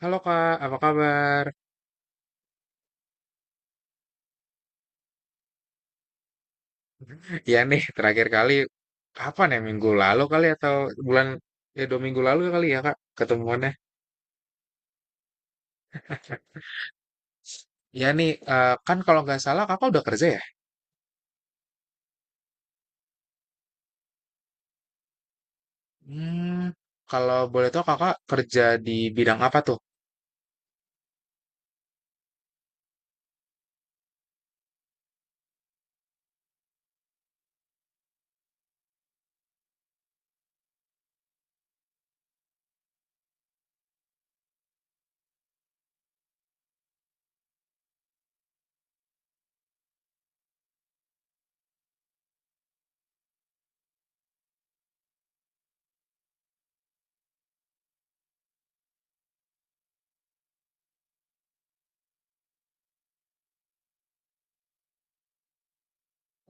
Halo Kak, apa kabar? Ya nih, terakhir kali kapan ya? Minggu lalu kali atau bulan ya dua minggu lalu kali ya Kak ketemuannya. Ya nih, kan kalau nggak salah Kakak udah kerja ya? Hmm, kalau boleh tahu Kakak kerja di bidang apa tuh?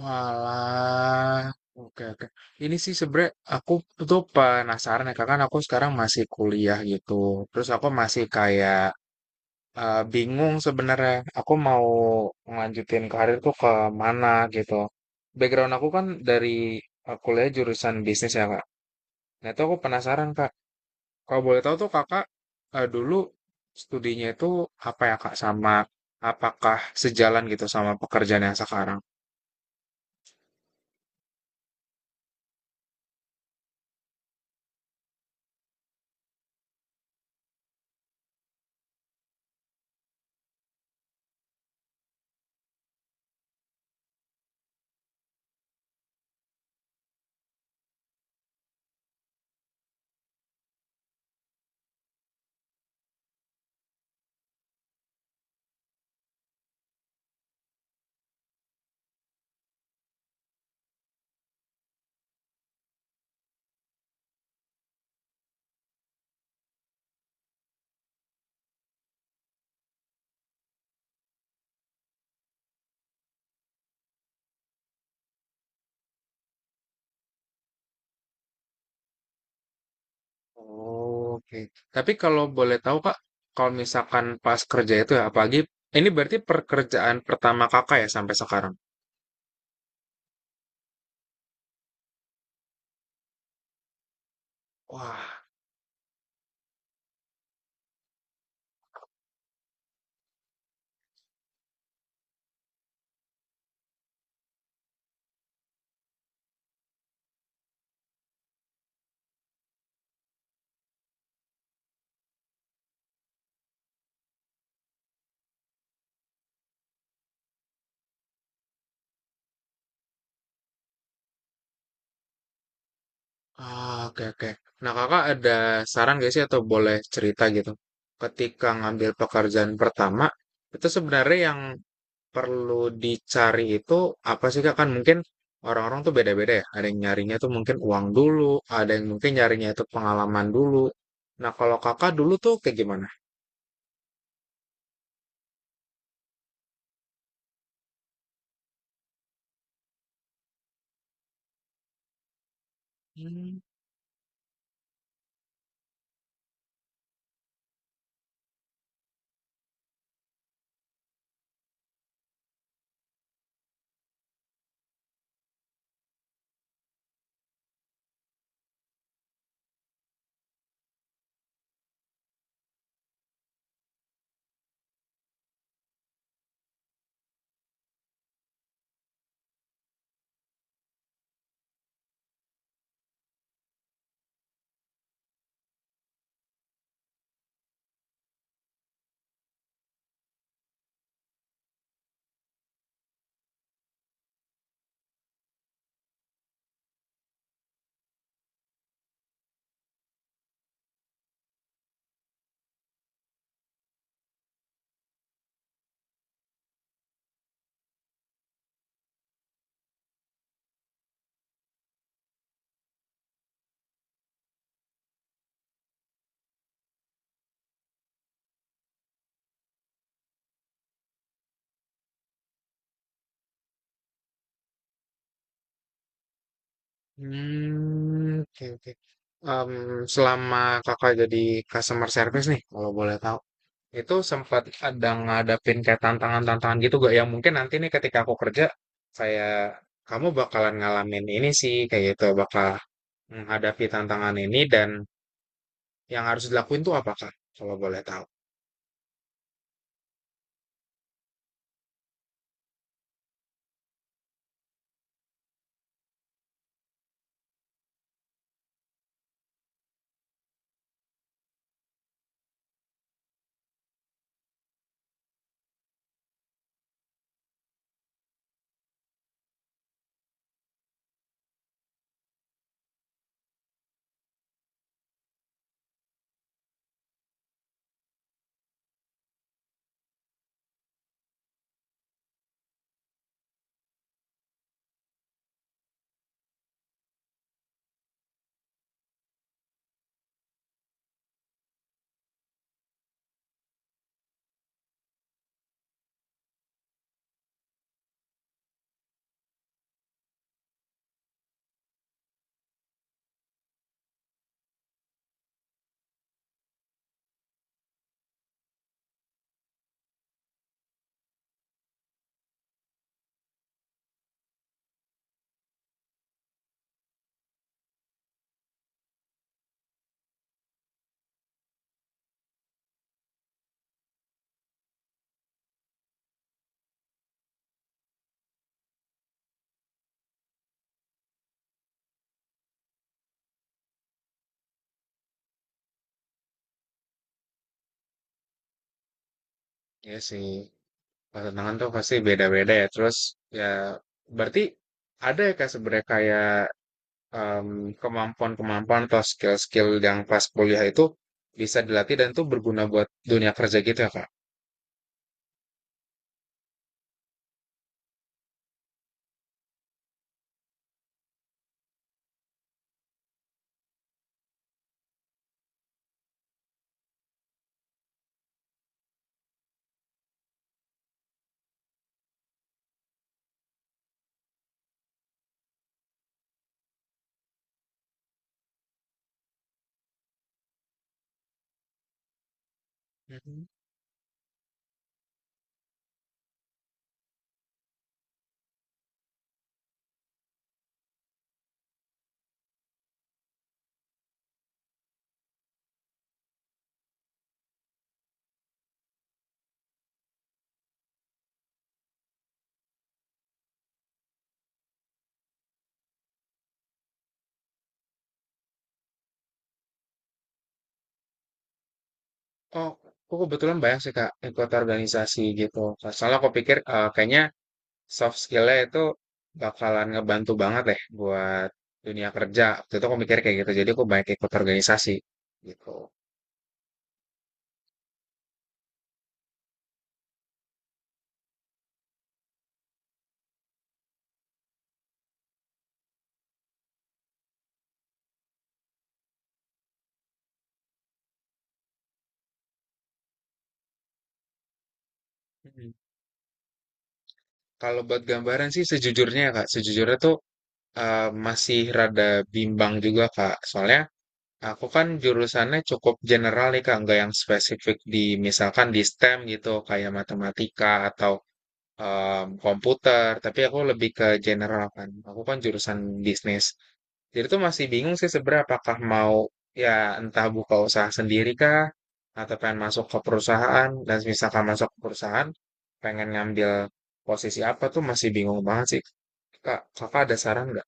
Walah, oke oke. Ini sih sebenernya aku tuh penasaran ya Kak, kan aku sekarang masih kuliah gitu. Terus aku masih kayak bingung sebenarnya aku mau ngelanjutin karir tuh ke mana gitu. Background aku kan dari kuliah jurusan bisnis ya kak. Nah itu aku penasaran kak. Kalau boleh tahu tuh kakak dulu studinya itu apa ya kak sama apakah sejalan gitu sama pekerjaan yang sekarang? Oh, oke. Tapi kalau boleh tahu kak, kalau misalkan pas kerja itu ya apalagi ini berarti pekerjaan pertama kakak ya sampai sekarang. Wah, ah, oke oke. Nah, kakak ada saran gak sih atau boleh cerita gitu? Ketika ngambil pekerjaan pertama, itu sebenarnya yang perlu dicari itu apa sih kak? Kan mungkin orang-orang tuh beda-beda ya. Ada yang nyarinya tuh mungkin uang dulu, ada yang mungkin nyarinya itu pengalaman dulu. Nah, kalau kakak dulu tuh kayak gimana? Hmm, oke oke. Em, selama kakak jadi customer service nih, kalau boleh tahu, itu sempat ada ngadapin kayak tantangan-tantangan gitu gak yang mungkin nanti nih ketika aku kerja kayak kamu bakalan ngalamin ini sih kayak gitu bakal menghadapi tantangan ini dan yang harus dilakuin tuh apa kak? Kalau boleh tahu. Ya sih, kalau tantangan tuh pasti beda-beda ya. Terus ya berarti ada ya kayak sebenarnya kayak em, kemampuan-kemampuan atau skill-skill yang pas kuliah itu bisa dilatih dan tuh berguna buat dunia kerja gitu ya Kak. Oh, aku kebetulan banyak sih Kak ikut organisasi gitu. Nah, soalnya aku pikir kayaknya soft skill-nya itu bakalan ngebantu banget deh buat dunia kerja. Waktu itu aku mikir kayak gitu, jadi aku banyak ikut organisasi gitu. Hmm. Kalau buat gambaran sih sejujurnya ya Kak, sejujurnya tuh masih rada bimbang juga Kak. Soalnya aku kan jurusannya cukup general nih Kak, nggak yang spesifik di misalkan di STEM gitu, kayak matematika atau komputer, tapi aku lebih ke general kan. Aku kan jurusan bisnis. Jadi tuh masih bingung sih sebenarnya apakah mau ya entah buka usaha sendiri kah atau pengen masuk ke perusahaan dan misalkan masuk ke perusahaan pengen ngambil posisi apa tuh masih bingung banget sih. Kak, kakak ada saran nggak?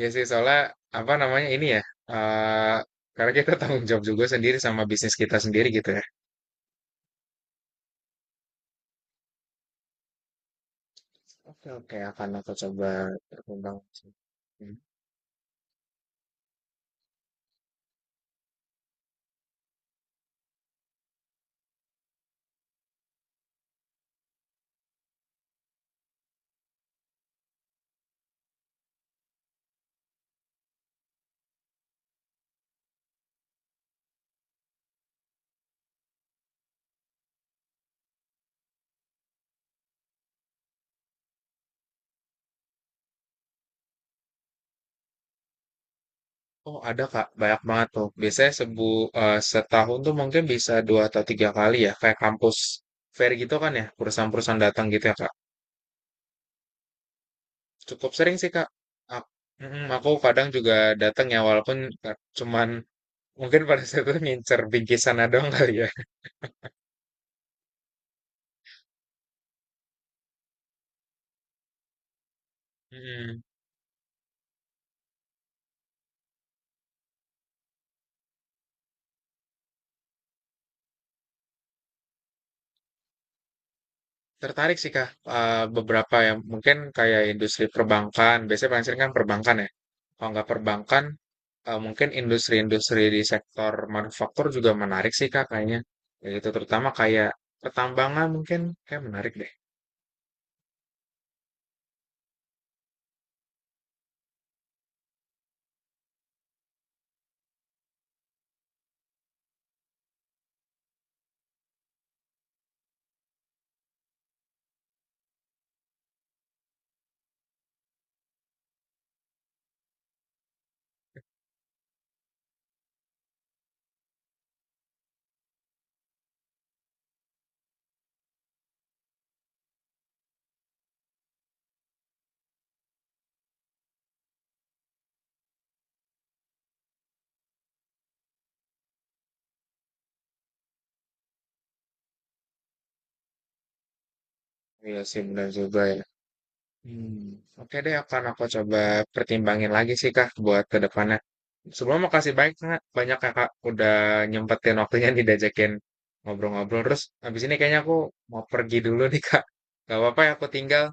Ya sih soalnya apa namanya ini ya eh karena kita tanggung jawab juga sendiri sama bisnis kita sendiri gitu ya. Oke oke akan aku coba berkembang. Oh ada Kak, banyak banget tuh. Biasanya setahun tuh mungkin bisa dua atau tiga kali ya, kayak kampus fair gitu kan ya, perusahaan-perusahaan datang gitu ya Kak. Cukup sering sih Kak. Ak- Aku, kadang juga datang ya, walaupun cuman mungkin pada saat itu ngincer bingkisannya doang kali ya. Mm. Tertarik sih Kak, beberapa yang mungkin kayak industri perbankan, biasanya paling sering kan perbankan ya. Kalau nggak perbankan, mungkin industri-industri di sektor manufaktur juga menarik sih Kak kayaknya. Ya, itu terutama kayak pertambangan mungkin kayak menarik deh. Iya sih, benar juga ya. Hmm, oke deh, akan aku coba pertimbangin lagi sih Kak buat ke depannya. Sebelumnya makasih banyak Kak, banyak Kakak udah nyempetin waktunya nih diajakin ngobrol-ngobrol. Terus habis ini kayaknya aku mau pergi dulu nih Kak. Gak apa-apa ya aku tinggal.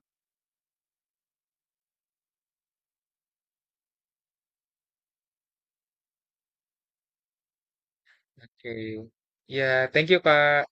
Oke. Ya, thank you Kak.